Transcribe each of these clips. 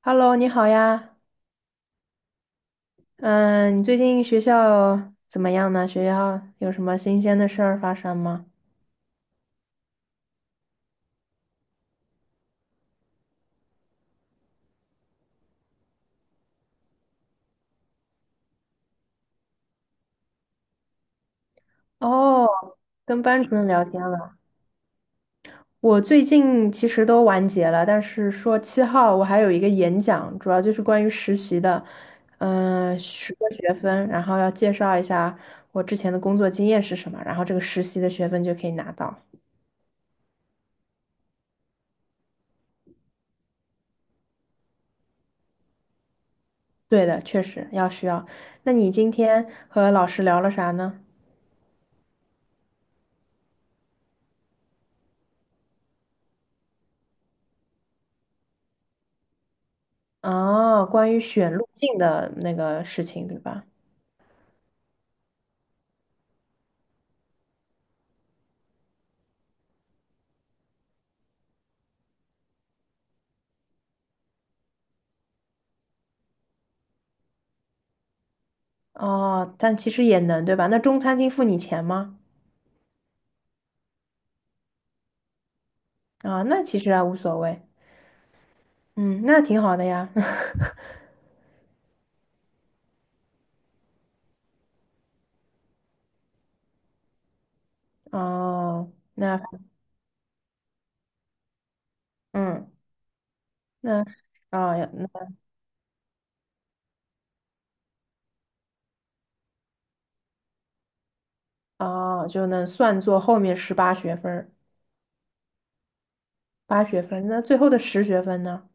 Hello，你好呀。嗯，你最近学校怎么样呢？学校有什么新鲜的事儿发生吗？哦，跟班主任聊天了。我最近其实都完结了，但是说七号我还有一个演讲，主要就是关于实习的，嗯，10个学分，然后要介绍一下我之前的工作经验是什么，然后这个实习的学分就可以拿到。对的，确实需要。那你今天和老师聊了啥呢？哦，关于选路径的那个事情，对吧？哦，但其实也能，对吧？那中餐厅付你钱吗？啊，那其实还无所谓。嗯，那挺好的呀。哦，那嗯，那啊，那哦，就能算作后面十八学分儿八学分。那最后的十学分呢？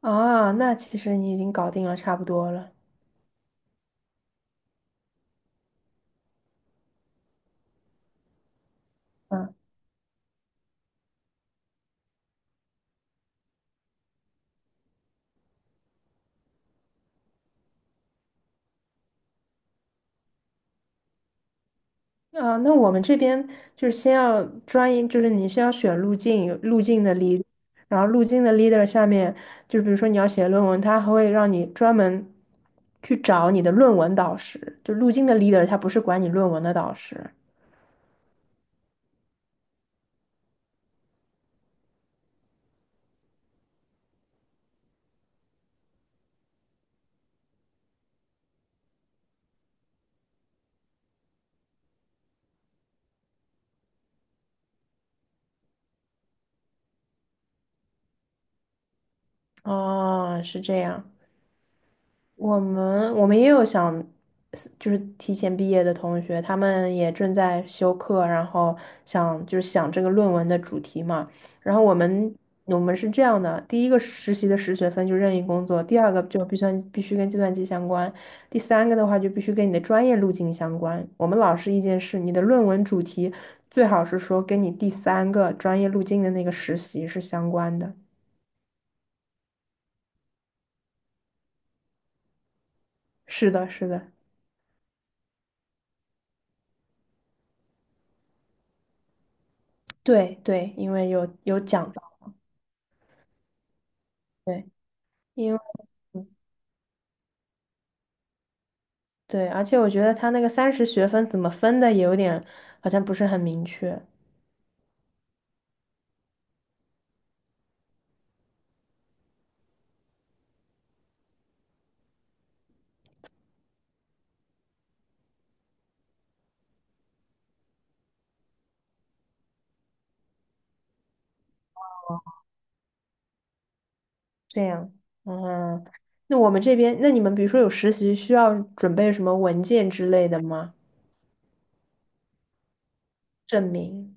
啊，那其实你已经搞定了，差不多了。嗯。啊，那我们这边就是先要专一，就是你先要选路径，有路径的 lead，e r 然后路径的 leader 下面，就比如说你要写论文，他还会让你专门去找你的论文导师，就路径的 leader,他不是管你论文的导师。哦，是这样。我们也有想，就是提前毕业的同学，他们也正在修课，然后想就是想这个论文的主题嘛。然后我们是这样的，第一个实习的实学分就任意工作，第二个就必须跟计算机相关，第三个的话就必须跟你的专业路径相关。我们老师意见是，你的论文主题最好是说跟你第三个专业路径的那个实习是相关的。是的，是的。对对，因为有讲到。对。因为。嗯对，而且我觉得他那个30学分怎么分的也有点，好像不是很明确。这样，嗯，那我们这边，那你们比如说有实习需要准备什么文件之类的吗？证明？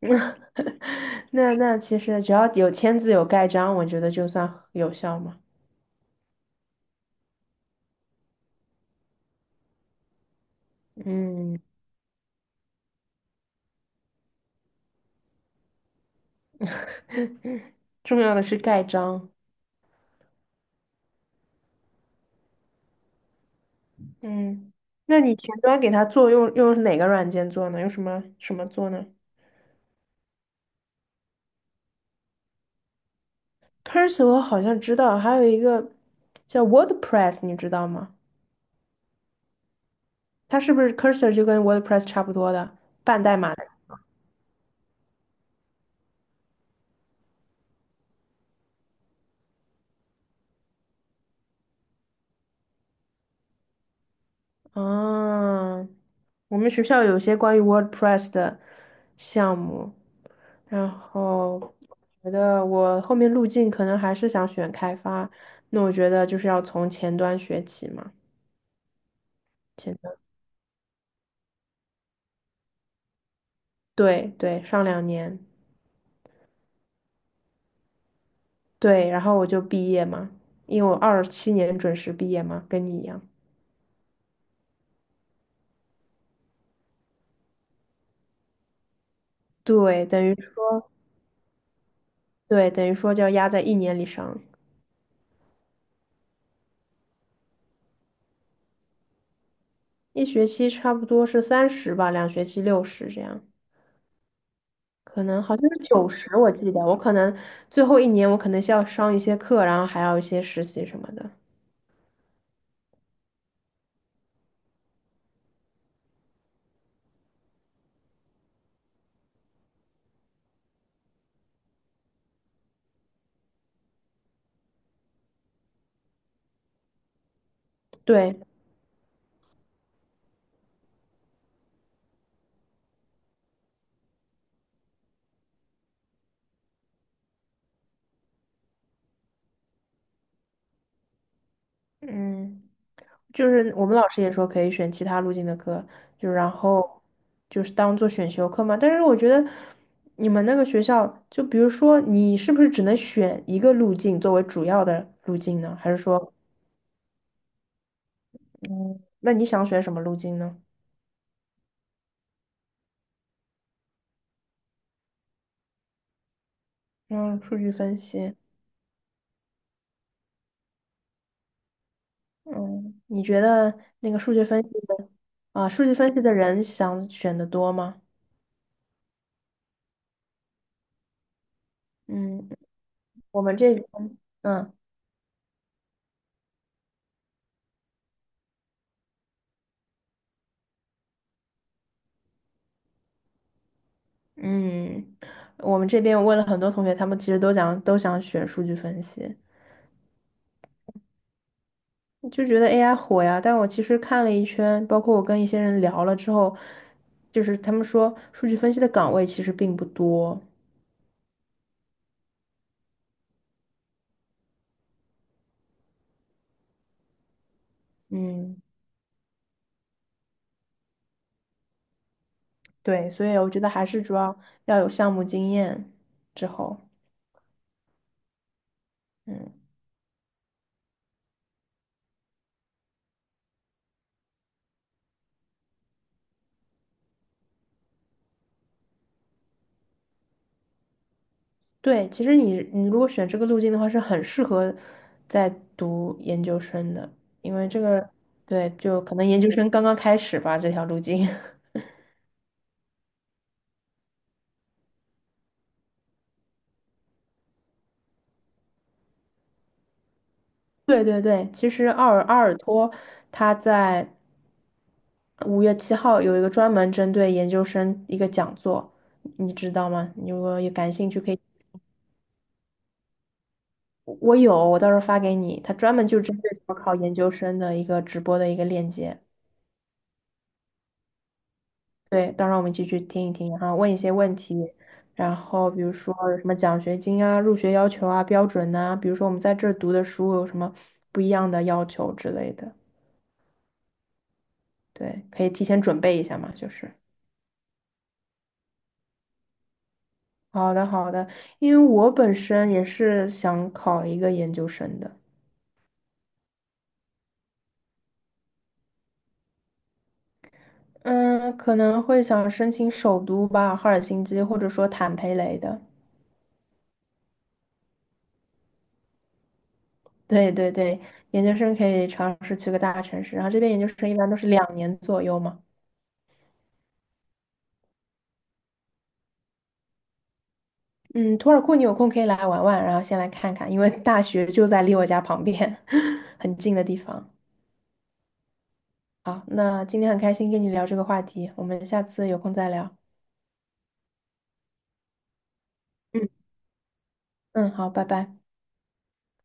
那其实只要有签字有盖章，我觉得就算有效嘛。嗯。重要的是盖章。嗯，那你前端给他做用哪个软件做呢？用什么做呢？Cursor 我好像知道，还有一个叫 WordPress,你知道吗？它是不是 Cursor 就跟 WordPress 差不多的半代码的？啊，我们学校有些关于 WordPress 的项目，然后觉得我后面路径可能还是想选开发，那我觉得就是要从前端学起嘛。前端，对对，上两年，对，然后我就毕业嘛，因为我27年准时毕业嘛，跟你一样。对，等于说对，等于说就要压在一年里上。一学期差不多是三十吧，2学期60这样，可能好像是90，我记得我可能最后一年我可能需要上一些课，然后还要一些实习什么的。对。嗯，就是我们老师也说可以选其他路径的课，就然后就是当做选修课嘛。但是我觉得你们那个学校，就比如说你是不是只能选一个路径作为主要的路径呢？还是说，嗯，那你想选什么路径呢？嗯，数据分析。嗯，你觉得那个数据分析的啊，数据分析的人想选的多吗？嗯，我们这边。嗯嗯，我们这边我问了很多同学，他们其实都想选数据分析，就觉得 AI 火呀。但我其实看了一圈，包括我跟一些人聊了之后，就是他们说数据分析的岗位其实并不多。嗯。对，所以我觉得还是主要要有项目经验之后。嗯。对，其实你如果选这个路径的话，是很适合在读研究生的，因为这个。对，就可能研究生刚刚开始吧，这条路径。对对对，其实阿尔托他在5月7号有一个专门针对研究生一个讲座，你知道吗？你如果有感兴趣，可以。我有，我到时候发给你。他专门就针对考研究生的一个直播的一个链接。对，到时候我们一起去听一听，然后问一些问题，然后比如说有什么奖学金啊、入学要求啊、标准呐、比如说我们在这儿读的书有什么不一样的要求之类的。对，可以提前准备一下嘛，就是。好的，好的，因为我本身也是想考一个研究生的。嗯，可能会想申请首都吧，赫尔辛基或者说坦佩雷的。对对对，研究生可以尝试去个大城市，然后这边研究生一般都是2年左右嘛。嗯，图尔库你有空可以来玩玩，然后先来看看，因为大学就在离我家旁边，很近的地方。好，那今天很开心跟你聊这个话题，我们下次有空再聊。嗯。嗯，好，拜拜。